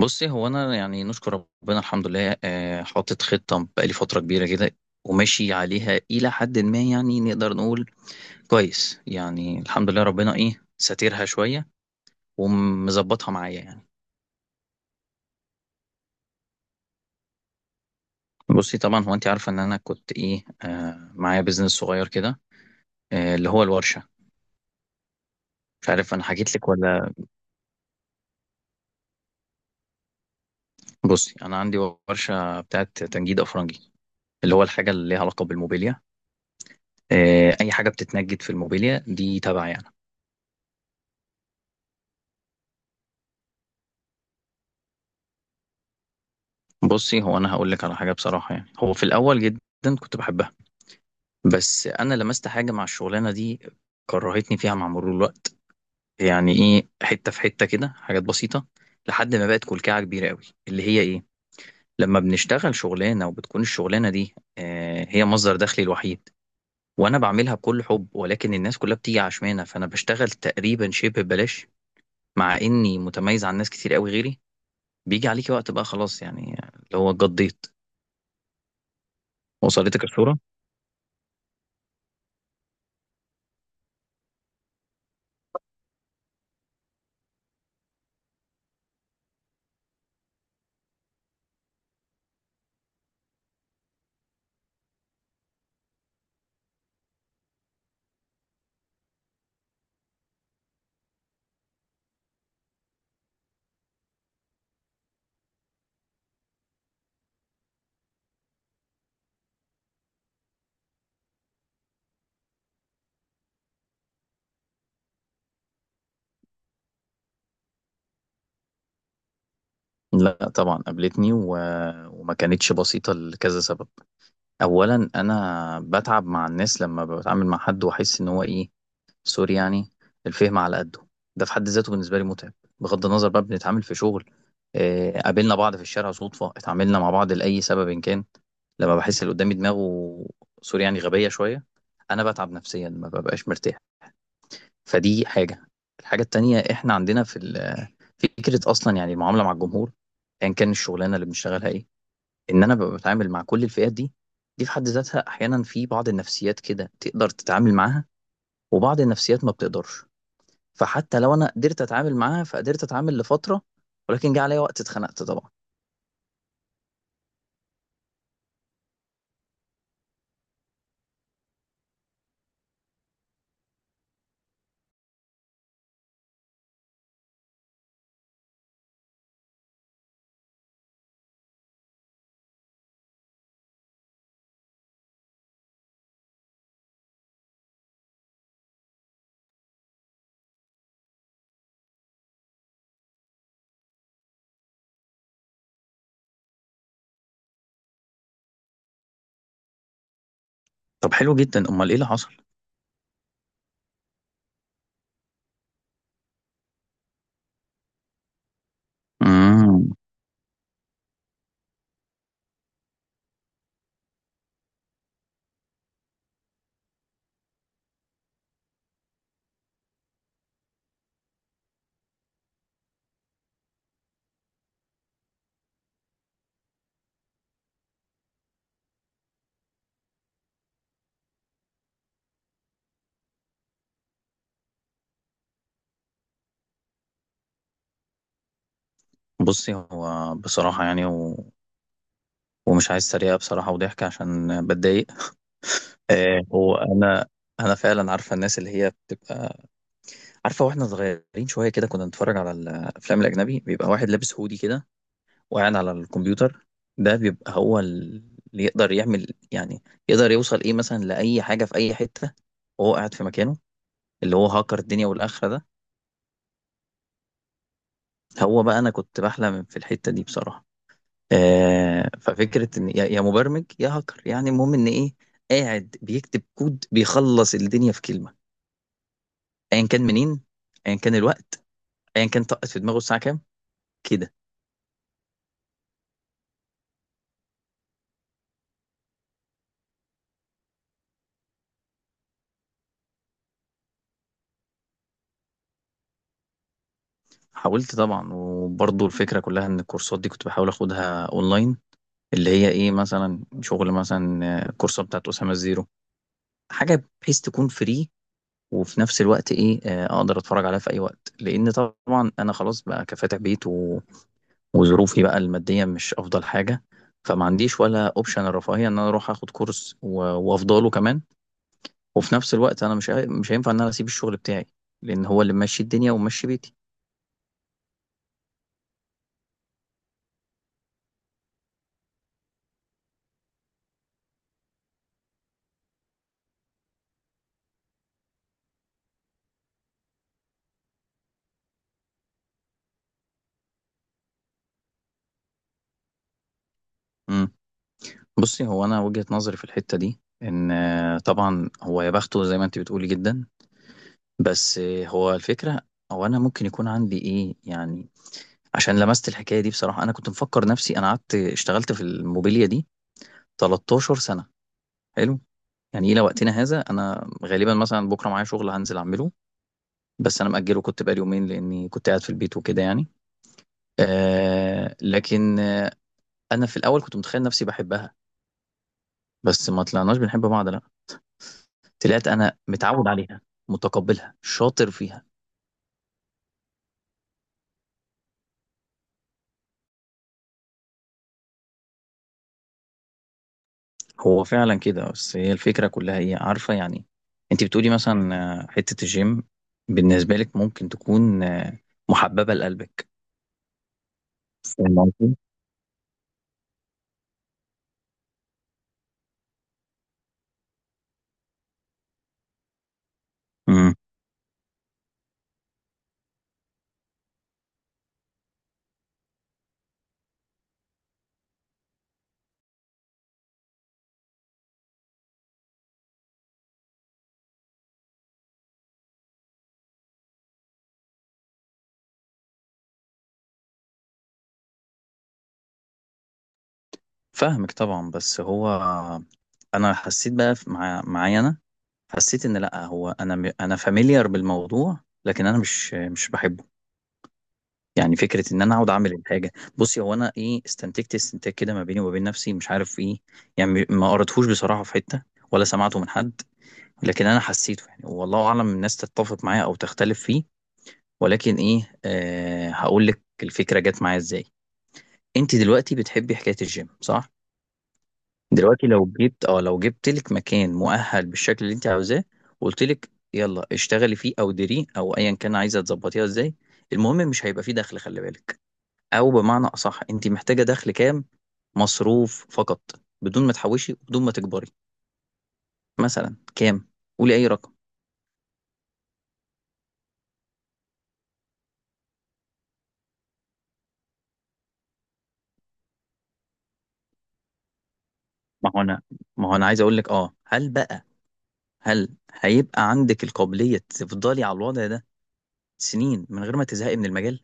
بُصّي، هو أنا يعني نشكر ربنا الحمد لله حاطط خطة بقى لي فترة كبيرة كده وماشي عليها إلى حدٍ ما يعني نقدر نقول كويس، يعني الحمد لله ربنا ساترها شوية ومضبّطها معايا يعني. بُصّي، طبعًا هو أنتِ عارفة إن أنا كنت إيه، معايا business صغير كده، اللي هو الورشة. مش عارف أنا حكيت لِك والّا. بُصّي، أنا عندي ورشة بتاعة تنجيد أفرنجي، اللي هو الحاجة اللي ليها علاقة بالموبيليا. أي حاجة بتتنجد في الموبيليا دي تبعي أنا. بصي، هو انا هقول لك على حاجه بصراحه. يعني هو في الاول جدا كنت بحبها، بس انا لمست حاجه مع الشغلانه دي كرهتني فيها مع مرور الوقت. يعني ايه، حته في حته كده، حاجات بسيطه لحد ما بقت كلكعه كبيره قوي، اللي هي ايه، لما بنشتغل شغلانه وبتكون الشغلانه دي آه هي مصدر دخلي الوحيد، وانا بعملها بكل حب، ولكن الناس كلها بتيجي عشمانه، فانا بشتغل تقريبا شبه ببلاش، مع اني متميز عن ناس كتير قوي غيري. بيجي عليكي وقت بقى خلاص يعني اللي هو اتقضيت. وصلتك الصوره. لا طبعا قابلتني وما كانتش بسيطة لكذا سبب. أولا أنا بتعب مع الناس لما بتعامل مع حد وأحس إن هو إيه، سوري يعني، الفهم على قده. ده في حد ذاته بالنسبة لي متعب، بغض النظر بقى بنتعامل في شغل. آه، قابلنا بعض في الشارع صدفة، اتعاملنا مع بعض لأي سبب إن كان، لما بحس اللي قدامي دماغه، سوري يعني، غبية شوية، أنا بتعب نفسيا، ما ببقاش مرتاح. فدي حاجة. الحاجة التانية، إحنا عندنا في ال... فكره اصلا يعني المعامله مع الجمهور ايا كان الشغلانه اللي بنشتغلها ايه، ان انا ببقى بتعامل مع كل الفئات دي. دي في حد ذاتها احيانا في بعض النفسيات كده تقدر تتعامل معاها، وبعض النفسيات ما بتقدرش. فحتى لو انا قدرت اتعامل معاها فقدرت اتعامل لفتره، ولكن جه عليا وقت اتخنقت طبعا. طب حلو جدا، امال ايه اللي حصل؟ امم بصي، هو بصراحه يعني ومش عايز سريعه بصراحه وضحك عشان بتضايق. آه، هو انا فعلا عارفه الناس اللي هي بتبقى عارفة. واحنا صغيرين شوية كده كنا نتفرج على الأفلام الأجنبي، بيبقى واحد لابس هودي كده وقاعد على الكمبيوتر، ده بيبقى هو اللي يقدر يعمل يعني، يقدر يوصل إيه مثلا لأي حاجة في أي حتة وهو قاعد في مكانه، اللي هو هاكر الدنيا والآخرة ده. هو بقى أنا كنت بحلم في الحتة دي بصراحة. آه، ففكرة إن يا مبرمج يا هاكر، يعني المهم إن إيه، قاعد بيكتب كود بيخلص الدنيا في كلمة، أيا كان منين، أيا كان الوقت، أيا كان طقت في دماغه الساعة كام، كده. حاولت طبعا، وبرضه الفكرة كلها ان الكورسات دي كنت بحاول اخدها اونلاين، اللي هي ايه مثلا شغل مثلا آه، الكورسات بتاعت أسامة الزيرو، حاجة بحيث تكون فري، وفي نفس الوقت ايه، آه، اقدر اتفرج عليها في اي وقت، لان طبعا انا خلاص بقى كفاتح بيت وظروفي بقى المادية مش افضل حاجة. فما عنديش ولا اوبشن الرفاهية ان انا اروح اخد كورس وافضله كمان، وفي نفس الوقت انا مش هينفع ان انا اسيب الشغل بتاعي، لان هو اللي ماشي الدنيا وماشي بيتي. بصي، هو انا وجهة نظري في الحتة دي ان آه، طبعا هو يا بخته زي ما انت بتقولي جدا، بس آه، هو الفكرة، او انا ممكن يكون عندي ايه يعني، عشان لمست الحكاية دي بصراحة. انا كنت مفكر نفسي، انا قعدت اشتغلت في الموبيليا دي 13 سنة. حلو. يعني الى وقتنا هذا انا غالبا مثلا بكرة معايا شغل هنزل اعمله، بس انا مأجله كنت بقالي يومين لاني كنت قاعد في البيت وكده يعني. آه، لكن آه، انا في الاول كنت متخيل نفسي بحبها، بس ما طلعناش بنحب بعض. طلعت انا متعود عليها، متقبلها، شاطر فيها. هو فعلا كده، بس هي الفكره كلها ايه عارفه يعني. انت بتقولي مثلا آه، حته الجيم بالنسبه لك ممكن تكون آه، محببه لقلبك. فاهم قصدي؟ امم فاهمك طبعا، بس هو انا حسيت بقى مع معايا، انا حسيت ان لا، هو انا انا فاميليار بالموضوع، لكن انا مش بحبه. يعني فكرة إن أنا أقعد أعمل الحاجة. بُصّي، هو أنا إيه، استنتجت استنتاج كده ما بيني وما بين نفسي، مش عارف إيه، يعني ما قريتهوش بصراحة في حتّة ولا سمعته من حد، لكن أنا حسّيته يعني، والله أعلم الناس تتّفق معايا أو تختلف فيه، ولكن إيه، هاقول لِك الفكرة جات معايا إزاي. أنتِ دلوقتي بتحبّي حكاية الgym صح؟ دلوقتي لو جيت آه، لو جِبت لِك مكان مؤهَّل بالشكل اللي أنتِ عاوزاه وقُلت لِك يالّا اشتغلي فيه أو ديريه أو أيًا كان عايزة تضبّطيها إزاي، المهم مش هيبقى في دَخْل، خلّي بالِك. او بمعنى اصح انت محتاجه دخل كام، مصروف فقط، بدون ما تحوشي وبدون ما تكبري، مثلا كام؟ قولي اي رقم. ما هو انا ما هو انا عايز اقول لك اه، هل بقى، هل هيبقى عندك القابليه تفضلي على الوضع ده سنين من غير ما تزهقي من المجال؟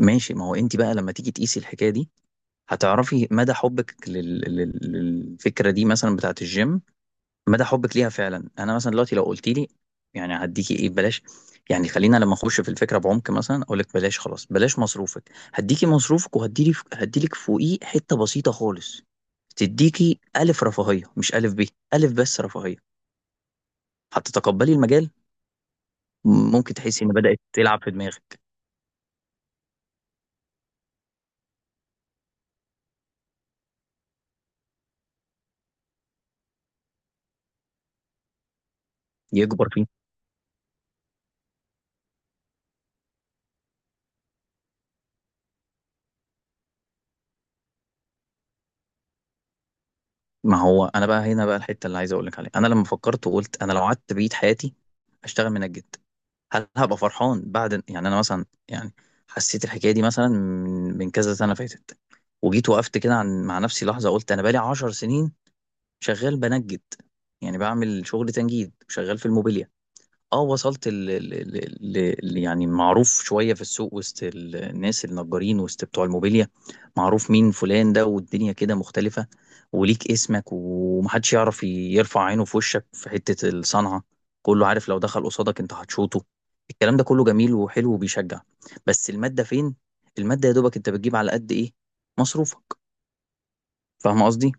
ماشي. ما هو انت بقى لما تيجي تقيسي الحكايه دي هتعرفي مدى حبك للفكره دي مثلا بتاعت الجيم، مدى حبك ليها فعلا. انا مثلا دلوقتي لو قلت لي يعني هديكي ايه ببلاش، يعني خلينا لما اخش في الفكره بعمق مثلا، اقول لك بلاش خلاص، بلاش مصروفك، هديكي مصروفك هديلك فوقيه حته بسيطه خالص، تديكي الف رفاهيه، مش الف ب، الف بس رفاهيه. هتتقبلي المجال؟ ممكن تحسي ان بدات تلعب في دماغك؟ يكبر فيه. ما هو انا بقى هنا بقى الحته اللي عايز اقول لك عليها، انا لما فكرت وقلت انا لو قعدت بقيت حياتي اشتغل منجد، هل هبقى فرحان بعد؟ يعني انا مثلا يعني حسيت الحكايه دي مثلا من كذا سنه فاتت، وجيت وقفت كده عن مع نفسي لحظه، قلت انا بقالي عشر سنين شغال بنجد، يعني بعمل شغل تنجيد، شغال في الموبيليا، اه وصلت يعني معروف شوية في السوق وسط الناس النجارين، وسط بتوع الموبيليا، معروف مين فلان ده، والدنيا كده مختلفة وليك اسمك، ومحدش يعرف يرفع عينه في وشك في حتة الصنعة، كله عارف لو دخل قصادك انت هتشوطه. الكلام ده كله جميل وحلو وبيشجع، بس المادة فين؟ المادة يا دوبك انت بتجيب على قد ايه؟ مصروفك. فاهم قصدي؟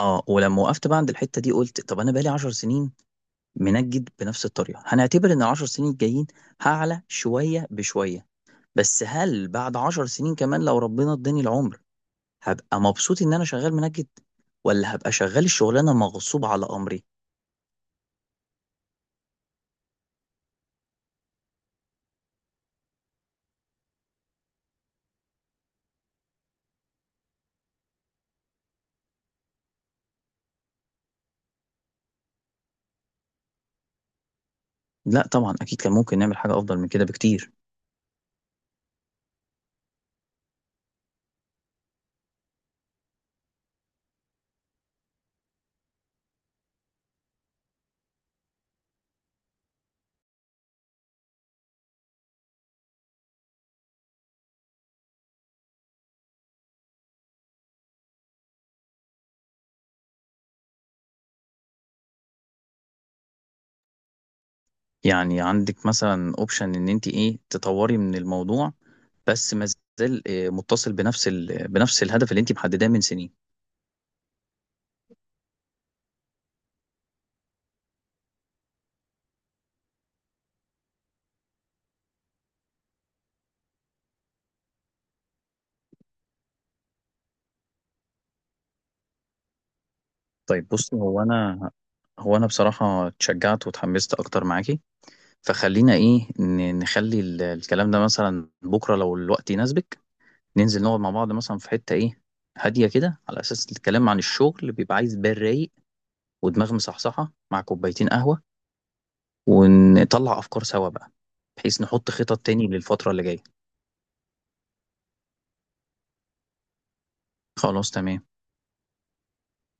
اه، ولما وقفت بقى عند الحتة دي قلت طب انا بقالي 10 سنين منجد بنفس الطريقه، هنعتبر ان العشر سنين الجايين هعلى شويه بشويه، بس هل بعد عشر سنين كمان لو ربنا اداني العمر هبقى مبسوط ان انا شغال منجد، ولا هبقى شغال الشغلانه مغصوب على امري؟ لا طبعا، اكيد كان ممكن نعمل حاجه افضل من كده بكتير. يعني عندك مثلا اوبشن ان انت ايه، تطوري من الموضوع، بس ما زال آه، متصل بنفس الهدف اللي انت محدداه من سنين. طيب بصي، هو انا بصراحه اتشجعت واتحمست اكتر معاكي. فخلينا ايه، نخلي الكلام ده مثلا بكره لو الوقت يناسبك ننزل نقعد مع بعض مثلا في حته ايه هاديه كده، على اساس الكلام عن الشغل بيبقى عايز بال رايق ودماغ مصحصحه مع كوبايتين قهوه، ونطلع افكار سوا بقى، بحيث نحط خطط تاني للفتره اللي جايه. خلاص تمام.